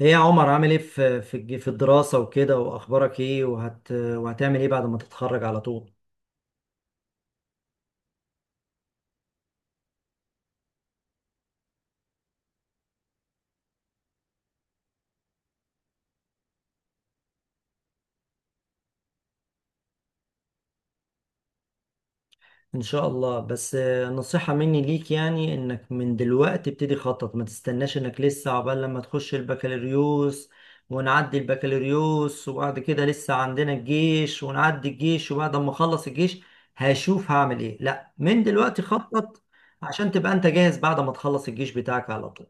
ايه يا عمر، عامل ايه في في الدراسة وكده؟ واخبارك ايه؟ وهتعمل ايه بعد ما تتخرج على طول؟ ان شاء الله. بس نصيحة مني ليك، يعني انك من دلوقتي ابتدي خطط. ما تستناش انك لسه عقبال لما تخش البكالوريوس ونعدي البكالوريوس، وبعد كده لسه عندنا الجيش، ونعدي الجيش، وبعد ما اخلص الجيش هشوف هعمل ايه. لا، من دلوقتي خطط عشان تبقى انت جاهز بعد ما تخلص الجيش بتاعك على طول.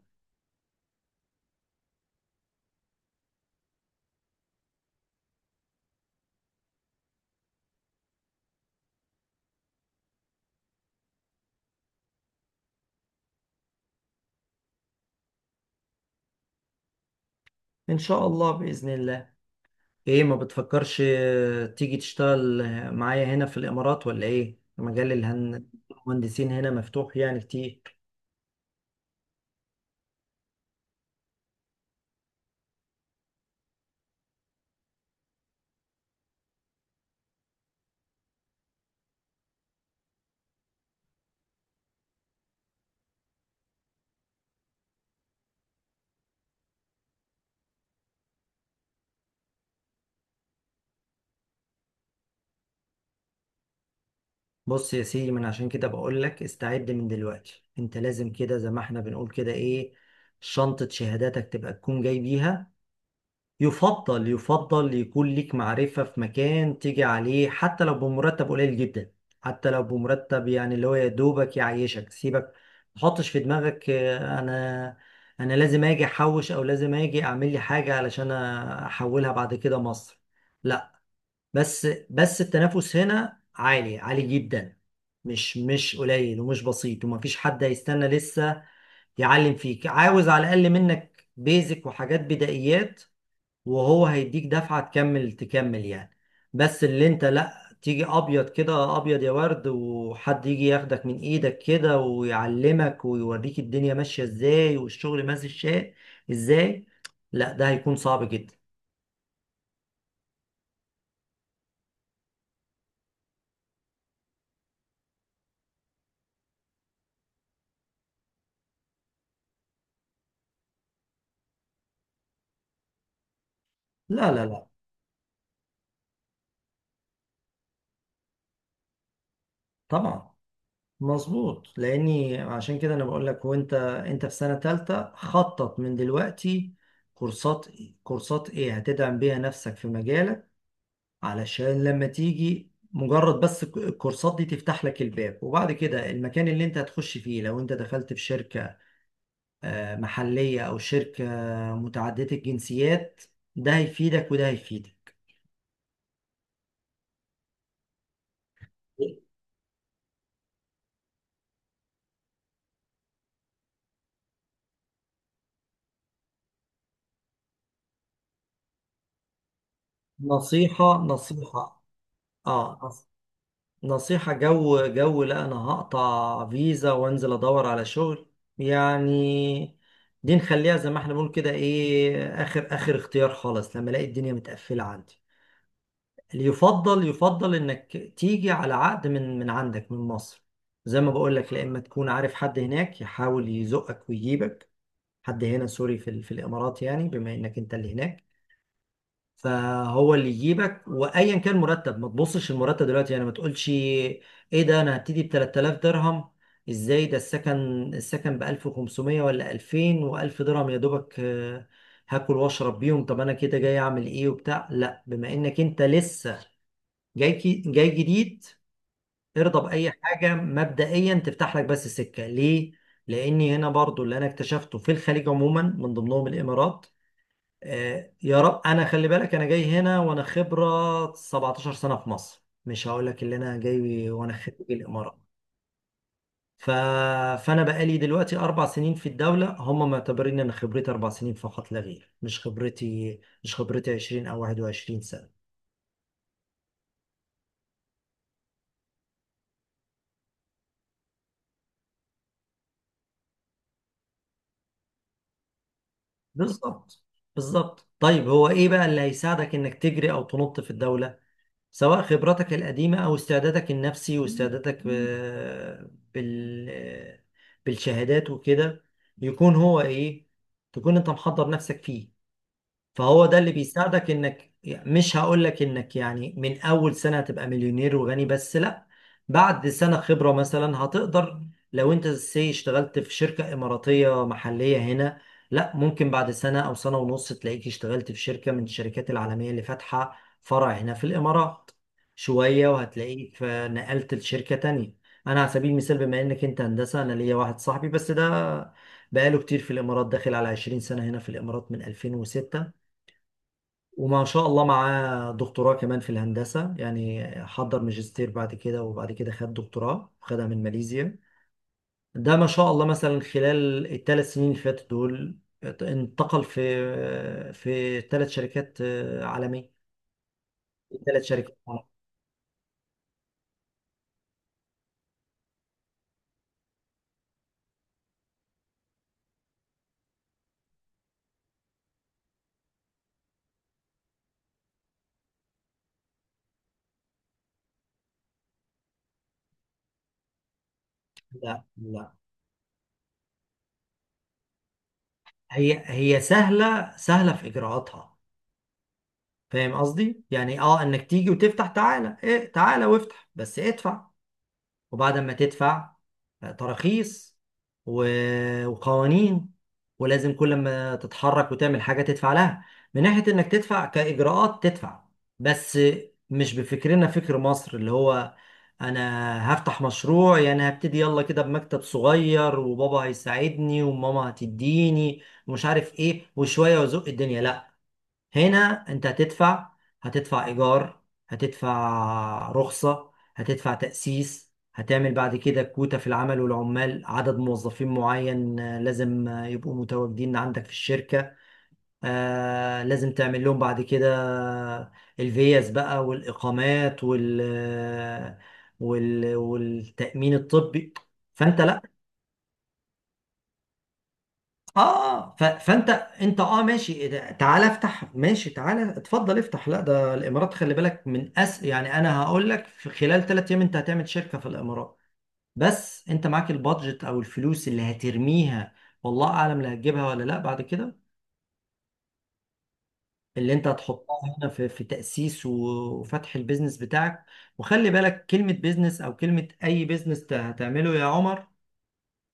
ان شاء الله باذن الله. ايه، ما بتفكرش تيجي تشتغل معايا هنا في الامارات ولا ايه؟ مجال المهندسين هنا مفتوح يعني كتير. بص يا سيدي، من عشان كده بقول لك استعد من دلوقتي. انت لازم كده زي ما احنا بنقول كده ايه، شنطة شهاداتك تبقى تكون جاي بيها. يفضل يكون ليك معرفة في مكان تيجي عليه، حتى لو بمرتب قليل جدا، حتى لو بمرتب يعني اللي هو يا دوبك يعيشك، سيبك ما تحطش في دماغك انا لازم اجي احوش، او لازم اجي اعمل لي حاجة علشان احولها بعد كده مصر. لا. بس التنافس هنا عالي عالي جدا. مش قليل ومش بسيط، ومفيش حد هيستنى لسه يعلم فيك. عاوز على الاقل منك بيزك وحاجات بدائيات، وهو هيديك دفعة تكمل تكمل يعني. بس اللي انت لا تيجي ابيض كده ابيض يا ورد، وحد يجي ياخدك من ايدك كده ويعلمك ويوريك الدنيا ماشية ازاي والشغل ماشي الشيء ازاي، لا ده هيكون صعب جدا. لا لا لا. طبعا. مظبوط. لاني عشان كده انا بقول لك. وانت انت في سنة تالتة، خطط من دلوقتي كورسات. كورسات ايه هتدعم بيها نفسك في مجالك، علشان لما تيجي مجرد بس الكورسات دي تفتح لك الباب، وبعد كده المكان اللي انت هتخش فيه، لو انت دخلت في شركة محلية او شركة متعددة الجنسيات، ده هيفيدك وده هيفيدك. نصيحة نصيحة. اه نص- نصيحة جو جو، لا انا هقطع فيزا وانزل ادور على شغل يعني، دي نخليها زي ما احنا بنقول كده ايه، اخر اخر اختيار خالص لما الاقي الدنيا متقفلة عندي. اللي يفضل يفضل انك تيجي على عقد من عندك من مصر. زي ما بقول لك، لا اما تكون عارف حد هناك يحاول يزقك ويجيبك، حد هنا، سوري، في الامارات، يعني بما انك انت اللي هناك، فهو اللي يجيبك. وايا كان مرتب، ما تبصش المرتب دلوقتي، يعني ما تقولش ايه ده، انا هبتدي ب 3000 درهم، ازاي ده؟ السكن السكن ب 1500 ولا 2000 و1000 درهم يا دوبك هاكل واشرب بيهم. طب انا كده جاي اعمل ايه وبتاع؟ لا، بما انك انت لسه جاي، جاي جديد، ارضى بأي حاجة مبدئيا تفتح لك بس سكة ليه؟ لأني هنا برضو اللي أنا اكتشفته في الخليج عموما، من ضمنهم الإمارات. آه يا رب، أنا خلي بالك، أنا جاي هنا وأنا خبرة 17 سنة في مصر، مش هقول لك اللي أنا جاي وأنا خريج الإمارات. ف... فأنا بقالي دلوقتي أربع سنين في الدولة، هم معتبرين إن خبرتي أربع سنين فقط لا غير، مش خبرتي 20 أو 21 سنة. بالظبط. بالظبط. طيب هو ايه بقى اللي هيساعدك انك تجري او تنط في الدولة؟ سواء خبرتك القديمة او استعدادك النفسي واستعدادك بالشهادات وكده، يكون هو ايه، تكون انت محضر نفسك فيه. فهو ده اللي بيساعدك، انك مش هقول لك انك يعني من اول سنة هتبقى مليونير وغني، بس لا، بعد سنة خبرة مثلا هتقدر. لو انت سي اشتغلت في شركة اماراتية محلية هنا، لا ممكن بعد سنة او سنة ونص تلاقيك اشتغلت في شركة من الشركات العالمية اللي فاتحة فرع هنا في الامارات. شوية وهتلاقيك نقلت لشركة تانية. انا على سبيل المثال بما انك انت هندسة، انا ليا واحد صاحبي بس ده بقاله كتير في الامارات، داخل على 20 سنة هنا في الامارات، من 2006. وما شاء الله معاه دكتوراه كمان في الهندسة، يعني حضر ماجستير بعد كده، وبعد كده خد دكتوراه، خدها من ماليزيا. ده ما شاء الله مثلا خلال الثلاث سنين اللي فاتت دول، انتقل في ثلاث شركات عالمية. ثلاث شركات عالمية. لا لا. هي سهلة، سهلة في إجراءاتها. فاهم قصدي؟ يعني اه انك تيجي وتفتح، تعالى ايه تعالى وافتح بس ادفع. وبعد ما تدفع تراخيص وقوانين، ولازم كل ما تتحرك وتعمل حاجة تدفع لها. من ناحية انك تدفع كإجراءات تدفع، بس مش بفكرنا فكر مصر اللي هو انا هفتح مشروع يعني هبتدي يلا كده بمكتب صغير وبابا هيساعدني وماما هتديني ومش عارف ايه، وشوية وزق الدنيا. لا. هنا انت هتدفع، هتدفع ايجار، هتدفع رخصة، هتدفع تأسيس، هتعمل بعد كده كوتا في العمل والعمال، عدد موظفين معين لازم يبقوا متواجدين عندك في الشركة. آه لازم تعمل لهم بعد كده آه، الفيز بقى والإقامات والتأمين الطبي. فأنت لا، اه فانت اه ماشي، إيه ده؟ تعالى افتح، ماشي تعالى اتفضل افتح. لا ده الامارات، خلي بالك، من أس يعني انا هقول لك في خلال ثلاث ايام انت هتعمل شركه في الامارات. بس انت معاك البادجت او الفلوس اللي هترميها، والله اعلم لا هتجيبها ولا لا بعد كده. اللي انت هتحطها هنا في تاسيس وفتح البيزنس بتاعك. وخلي بالك كلمه بيزنس او كلمه اي بيزنس هتعمله يا عمر،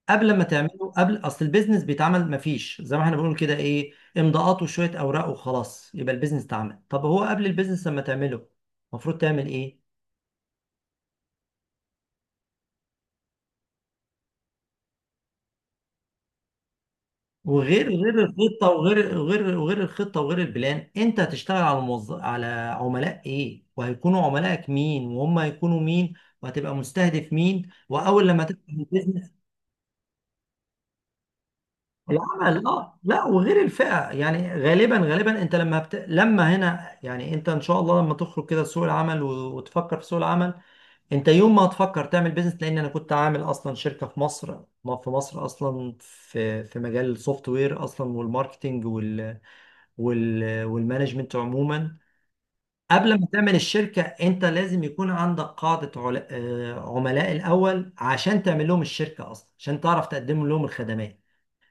قبل ما تعمله قبل اصل البيزنس بيتعمل، مفيش زي ما احنا بنقول كده ايه امضاءات وشويه اوراق وخلاص يبقى البيزنس اتعمل. طب هو قبل البيزنس لما تعمله، المفروض تعمل ايه؟ وغير غير الخطه، وغير غير وغير الخطه وغير البلان. انت هتشتغل على على عملاء ايه، وهيكونوا عملائك مين وهم هيكونوا مين، وهتبقى مستهدف مين، واول لما تفتح البيزنس العمل. اه، لا وغير الفئة. يعني غالبا غالبا انت لما لما هنا يعني انت ان شاء الله لما تخرج كده سوق العمل وتفكر في سوق العمل، انت يوم ما هتفكر تعمل بيزنس. لان انا كنت عامل اصلا شركة في مصر، ما في مصر اصلا في مجال السوفت وير اصلا، والماركتينج والمانجمنت عموما. قبل ما تعمل الشركة انت لازم يكون عندك قاعدة عل... آه، عملاء الاول عشان تعمل لهم الشركة اصلا، عشان تعرف تقدم لهم الخدمات.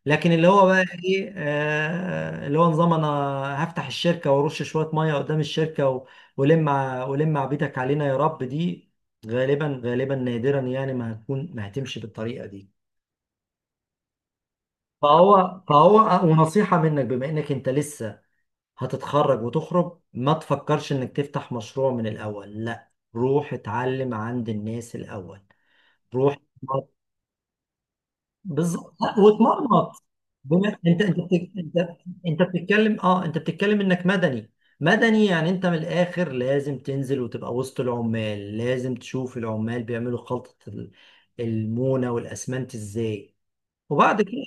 لكن اللي هو بقى ايه، آه اللي هو نظام انا هفتح الشركه وارش شويه ميه قدام الشركه ولم عبيدك علينا يا رب، دي غالبا غالبا نادرا يعني ما هتكون، ما هتمشي بالطريقه دي. فهو. ونصيحه منك، بما انك انت لسه هتتخرج وتخرج، ما تفكرش انك تفتح مشروع من الاول. لا، روح اتعلم عند الناس الاول. روح. بالظبط. لا، وتمرمط. انت انت بتتكلم اه، انت بتتكلم انك مدني. مدني يعني انت من الاخر لازم تنزل وتبقى وسط العمال. لازم تشوف العمال بيعملوا خلطة المونة والاسمنت ازاي، وبعد كده.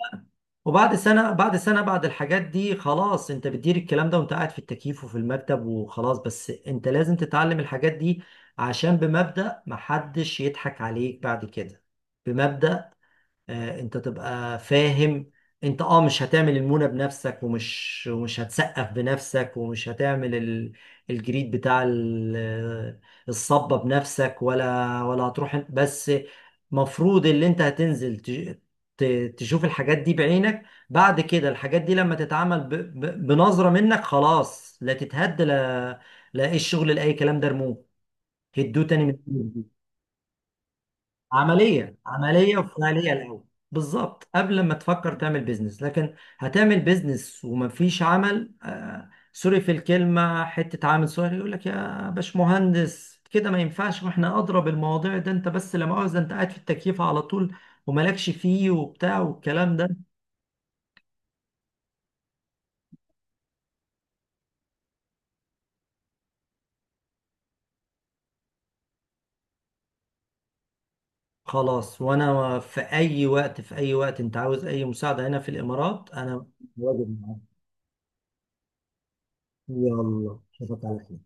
وبعد سنة، بعد سنة بعد الحاجات دي خلاص انت بتدير الكلام ده وانت قاعد في التكييف وفي المكتب. وخلاص بس انت لازم تتعلم الحاجات دي عشان بمبدأ محدش يضحك عليك بعد كده. بمبدأ انت تبقى فاهم، انت اه مش هتعمل المونة بنفسك، ومش هتسقف بنفسك، ومش هتعمل الجريد بتاع الصبة بنفسك، ولا هتروح بس. مفروض اللي انت هتنزل تشوف الحاجات دي بعينك، بعد كده الحاجات دي لما تتعمل بنظرة منك خلاص. لا تتهد لا، لا ايه الشغل لأي كلام ده رموه، هدوه تاني من عملية، عملية وفعالية الأول. بالظبط، قبل ما تفكر تعمل بيزنس. لكن هتعمل بيزنس ومفيش عمل، آه سوري في الكلمة، حتة عامل صغير يقول لك يا باشمهندس كده ما ينفعش، واحنا أدرى بالمواضيع ده، أنت بس لا مؤاخذة أنت قاعد في التكييف على طول ومالكش فيه وبتاع والكلام ده. خلاص، وأنا في أي وقت، في أي وقت أنت عاوز أي مساعدة هنا في الإمارات، أنا واجب معاك. يلا، أشوفك على خير.